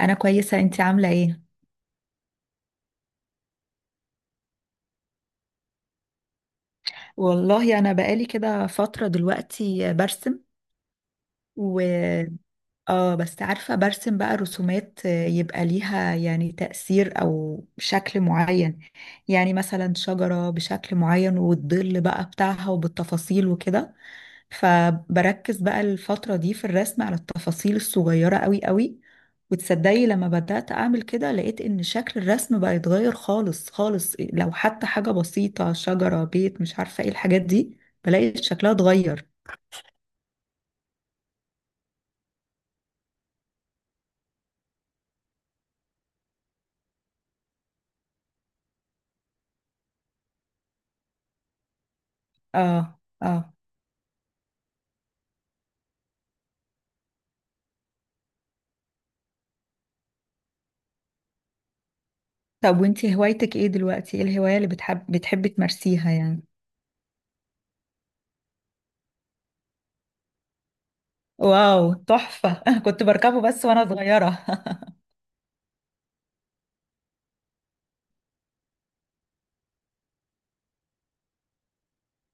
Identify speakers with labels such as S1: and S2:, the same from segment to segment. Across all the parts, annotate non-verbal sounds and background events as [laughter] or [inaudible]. S1: انا كويسه. انتي عامله ايه؟ والله انا بقالي كده فتره دلوقتي برسم. اه بس عارفة، برسم بقى رسومات يبقى ليها يعني تأثير أو شكل معين. يعني مثلا شجرة بشكل معين والظل بقى بتاعها وبالتفاصيل وكده. فبركز بقى الفترة دي في الرسم على التفاصيل الصغيرة قوي قوي. وتصدقي، لما بدأت أعمل كده لقيت إن شكل الرسم بقى يتغير خالص خالص، لو حتى حاجة بسيطة، شجرة، بيت، مش عارفة ايه الحاجات دي، بلاقي شكلها اتغير. اه اه. طب وانتي هوايتك ايه دلوقتي؟ ايه الهواية اللي بتحبي تمارسيها يعني؟ واو، تحفة! [laughs] كنت بركبه بس وانا صغيرة.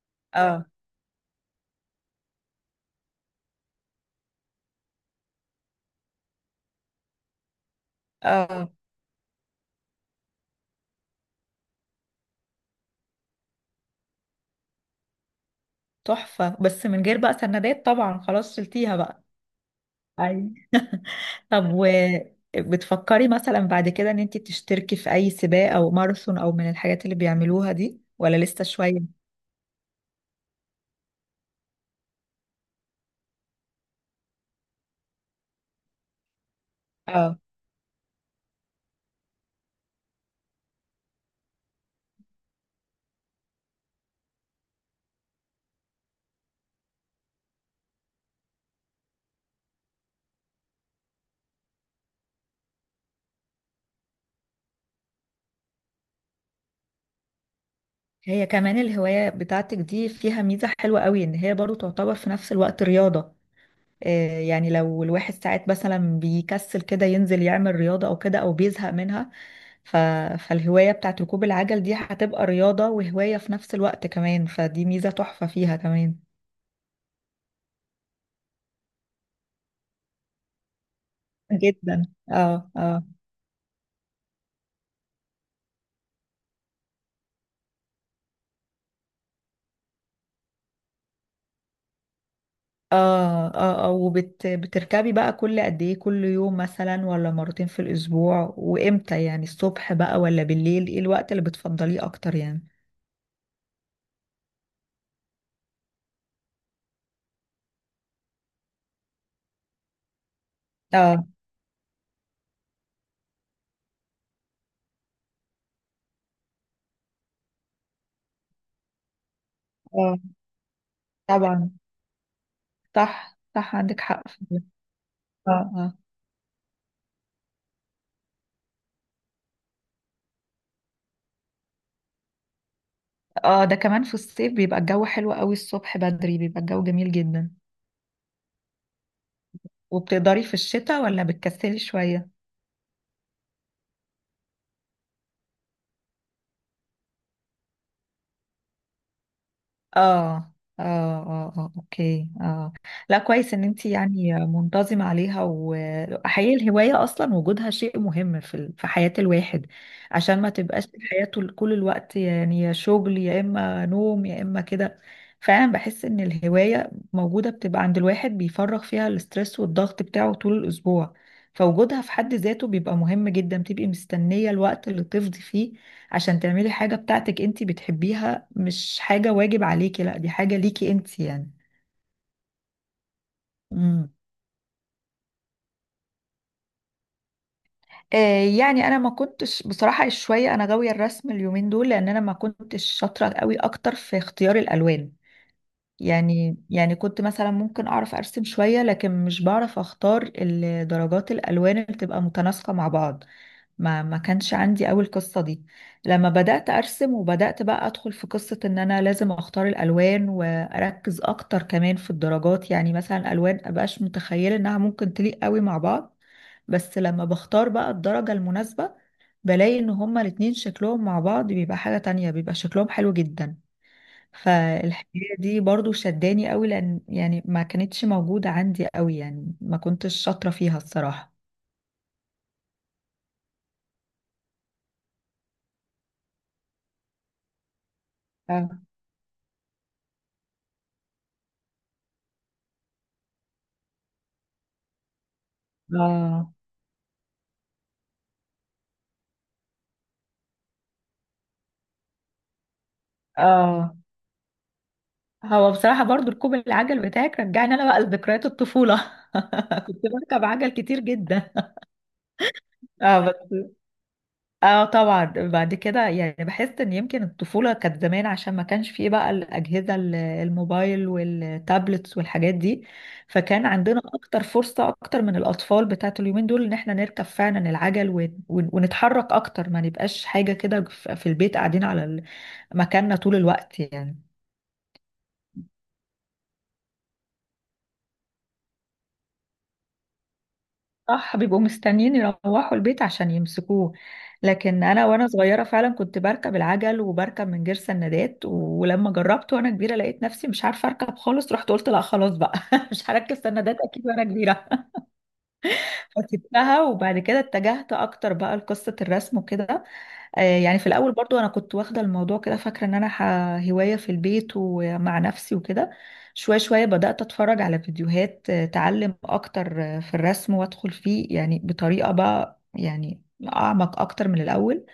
S1: [laughs] اه اه، تحفة. بس من غير بقى سندات طبعا، خلاص شلتيها بقى. اي. طب و بتفكري مثلا بعد كده ان انتي تشتركي في اي سباق او ماراثون او من الحاجات اللي بيعملوها دي، ولا لسه شوية؟ اه. هي كمان الهواية بتاعتك دي فيها ميزة حلوة قوي، ان هي برضو تعتبر في نفس الوقت رياضة. يعني لو الواحد ساعات مثلا بيكسل كده ينزل يعمل رياضة أو كده أو بيزهق منها، ف... فالهواية بتاعت ركوب العجل دي هتبقى رياضة وهواية في نفس الوقت كمان، فدي ميزة تحفة فيها كمان. جدا. اه اه اه. اه اه، بتركبي بقى كل قد ايه؟ كل يوم مثلا ولا مرتين في الأسبوع؟ وإمتى يعني، الصبح بقى ولا بالليل؟ ايه الوقت اللي بتفضليه أكتر يعني؟ اه اه طبعا. صح صح، عندك حق في ده. اه اه، ده كمان في الصيف بيبقى الجو حلو قوي، الصبح بدري بيبقى الجو جميل جدا. وبتقدري في الشتاء ولا بتكسلي شوية؟ اه اه اه اه اوكي اه. لا كويس ان انت يعني منتظمة عليها. وحقيقي الهواية اصلا وجودها شيء مهم في في حياة الواحد، عشان ما تبقاش حياته كل الوقت يعني يا شغل يا اما نوم يا اما كده. فعلا بحس ان الهواية موجودة بتبقى عند الواحد، بيفرغ فيها الاسترس والضغط بتاعه طول الاسبوع. فوجودها في حد ذاته بيبقى مهم جدا. بتبقي مستنية الوقت اللي تفضي فيه عشان تعملي حاجة بتاعتك انتي بتحبيها، مش حاجة واجب عليكي، لا، دي حاجة ليكي انتي يعني. امم آه، يعني انا ما كنتش بصراحة شوية انا غاوية الرسم اليومين دول، لان انا ما كنتش شاطرة قوي اكتر في اختيار الالوان. يعني كنت مثلا ممكن اعرف ارسم شوية، لكن مش بعرف اختار درجات الالوان اللي تبقى متناسقة مع بعض. ما كانش عندي أوي القصة دي. لما بدأت أرسم وبدأت بقى أدخل في قصة إن أنا لازم أختار الألوان وأركز أكتر كمان في الدرجات، يعني مثلا ألوان مبقاش متخيلة إنها ممكن تليق أوي مع بعض، بس لما بختار بقى الدرجة المناسبة بلاقي إن هما الاتنين شكلهم مع بعض بيبقى حاجة تانية، بيبقى شكلهم حلو جدا. فالحكاية دي برضو شداني أوي، لأن يعني ما كانتش موجودة عندي أوي، يعني ما كنتش شاطرة فيها الصراحة. اه آه اه. هو بصراحة برضو ركوب العجل بتاعك رجعني انا بقى لذكريات الطفولة. [laughs] كنت بركب عجل كتير جدا. [laughs] اه بس، اه طبعا. بعد كده يعني بحس ان يمكن الطفولة كانت زمان، عشان ما كانش فيه بقى الأجهزة الموبايل والتابلتس والحاجات دي. فكان عندنا اكتر فرصة اكتر من الأطفال بتاعت اليومين دول، ان احنا نركب فعلا العجل ونتحرك اكتر، ما نبقاش حاجة كده في البيت قاعدين على مكاننا طول الوقت يعني. صح، بيبقوا مستنيين يروحوا البيت عشان يمسكوه. لكن انا وانا صغيره فعلا كنت بركب العجل، وبركب من غير سندات. ولما جربت وانا كبيره لقيت نفسي مش عارفه اركب خالص، رحت قلت لا خلاص بقى، [laughs] مش هركب سندات اكيد وانا كبيره. [laughs] فسبتها، وبعد كده اتجهت اكتر بقى لقصه الرسم وكده. يعني في الاول برضو انا كنت واخده الموضوع كده، فاكره ان انا هوايه في البيت ومع نفسي وكده. شويه شويه بدات اتفرج على فيديوهات تعلم اكتر في الرسم، وادخل فيه يعني بطريقه بقى يعني اعمق اكتر من الاول.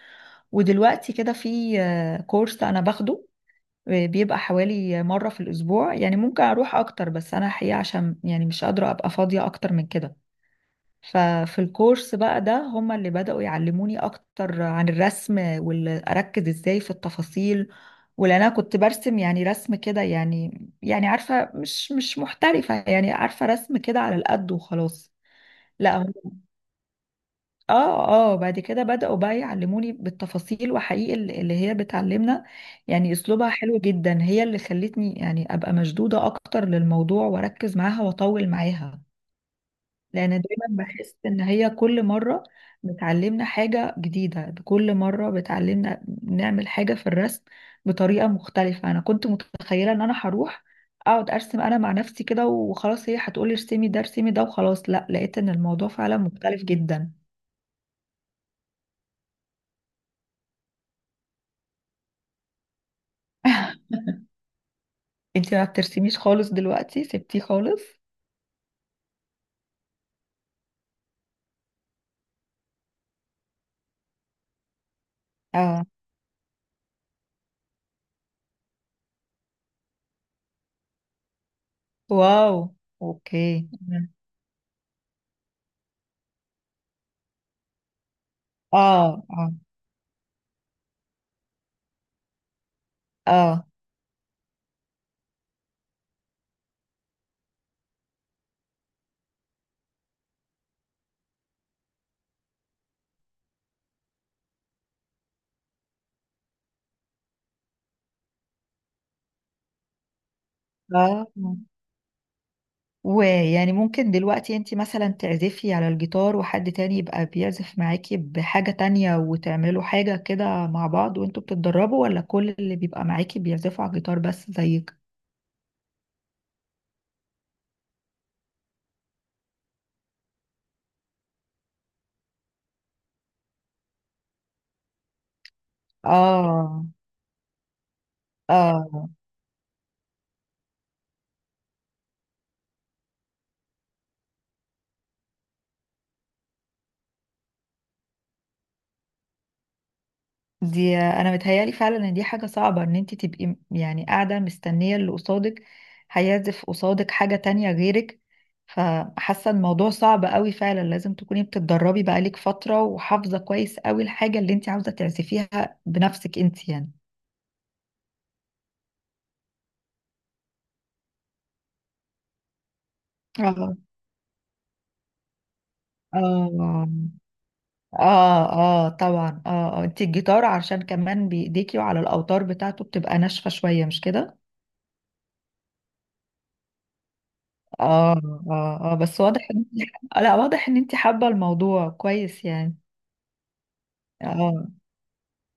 S1: ودلوقتي كده في كورس انا باخده، بيبقى حوالي مره في الاسبوع. يعني ممكن اروح اكتر بس انا حقيقه عشان يعني مش قادره ابقى فاضيه اكتر من كده. ففي الكورس بقى ده هما اللي بدأوا يعلموني أكتر عن الرسم وأركز إزاي في التفاصيل، ولأن أنا كنت برسم يعني رسم كده، يعني يعني عارفة مش محترفة، يعني عارفة رسم كده على القد وخلاص. لا هم اه اه. بعد كده بدأوا بقى يعلموني بالتفاصيل، وحقيقي اللي هي بتعلمنا يعني أسلوبها حلو جدا، هي اللي خلتني يعني أبقى مشدودة أكتر للموضوع وأركز معاها وأطول معاها. لان دايما بحس ان هي كل مره بتعلمنا حاجه جديده، كل مره بتعلمنا نعمل حاجه في الرسم بطريقه مختلفه. انا كنت متخيله ان انا هروح اقعد ارسم انا مع نفسي كده وخلاص، هي هتقولي ارسمي ده ارسمي ده وخلاص، لا لقيت ان الموضوع فعلا مختلف جدا. [laughs] انتي ما بترسميش خالص دلوقتي؟ سبتيه خالص؟ اه واو اوكي اه اه اه اه. ويعني ممكن دلوقتي انت مثلا تعزفي على الجيتار وحد تاني يبقى بيعزف معاكي بحاجة تانية وتعملوا حاجة كده مع بعض وانتوا بتتدربوا، ولا كل اللي بيبقى معاكي بيعزفوا على الجيتار بس زيك؟ اه اه. دي انا متهيالي فعلا ان دي حاجة صعبة، ان انت تبقي يعني قاعدة مستنية اللي قصادك هيعزف قصادك حاجة تانية غيرك. فحاسة الموضوع صعب قوي فعلا، لازم تكوني بتتدربي بقالك فترة وحافظة كويس قوي الحاجة اللي انت عاوزة تعزفيها بنفسك انت يعني. اه اه اه اه طبعا اه آه. انت الجيتار عشان كمان بايديكي وعلى الاوتار بتاعته بتبقى ناشفة شوية، مش كده؟ اه اه اه، بس واضح ان [laughs] آه، لا واضح ان انت حابة الموضوع كويس يعني. اه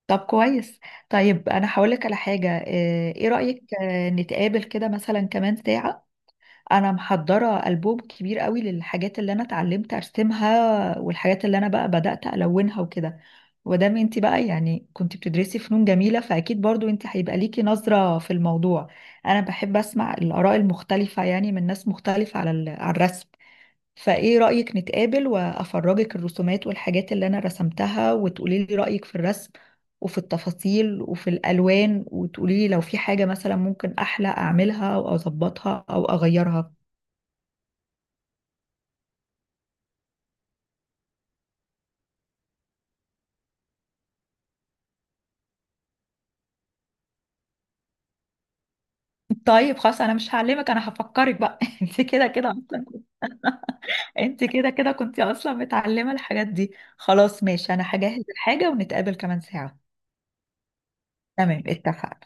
S1: طب كويس. طيب انا هقولك على حاجة، ايه رأيك نتقابل كده مثلا كمان ساعة؟ انا محضرة ألبوم كبير قوي للحاجات اللي انا اتعلمت ارسمها، والحاجات اللي انا بقى بدأت الونها وكده. ودام انت بقى يعني كنت بتدرسي فنون جميلة، فاكيد برضو انت هيبقى ليكي نظرة في الموضوع. انا بحب اسمع الآراء المختلفة يعني من ناس مختلفة على على الرسم. فايه رأيك نتقابل وافرجك الرسومات والحاجات اللي انا رسمتها، وتقولي لي رأيك في الرسم وفي التفاصيل وفي الالوان، وتقولي لي لو في حاجة مثلا ممكن احلى اعملها او اظبطها او اغيرها. طيب خلاص انا مش هعلمك، انا هفكرك بقى، [laughs] انت كده كده اصلا. انت كده كده كنت اصلا متعلمة الحاجات دي. خلاص ماشي، انا هجهز الحاجة ونتقابل كمان ساعة. تمام، اتفقنا.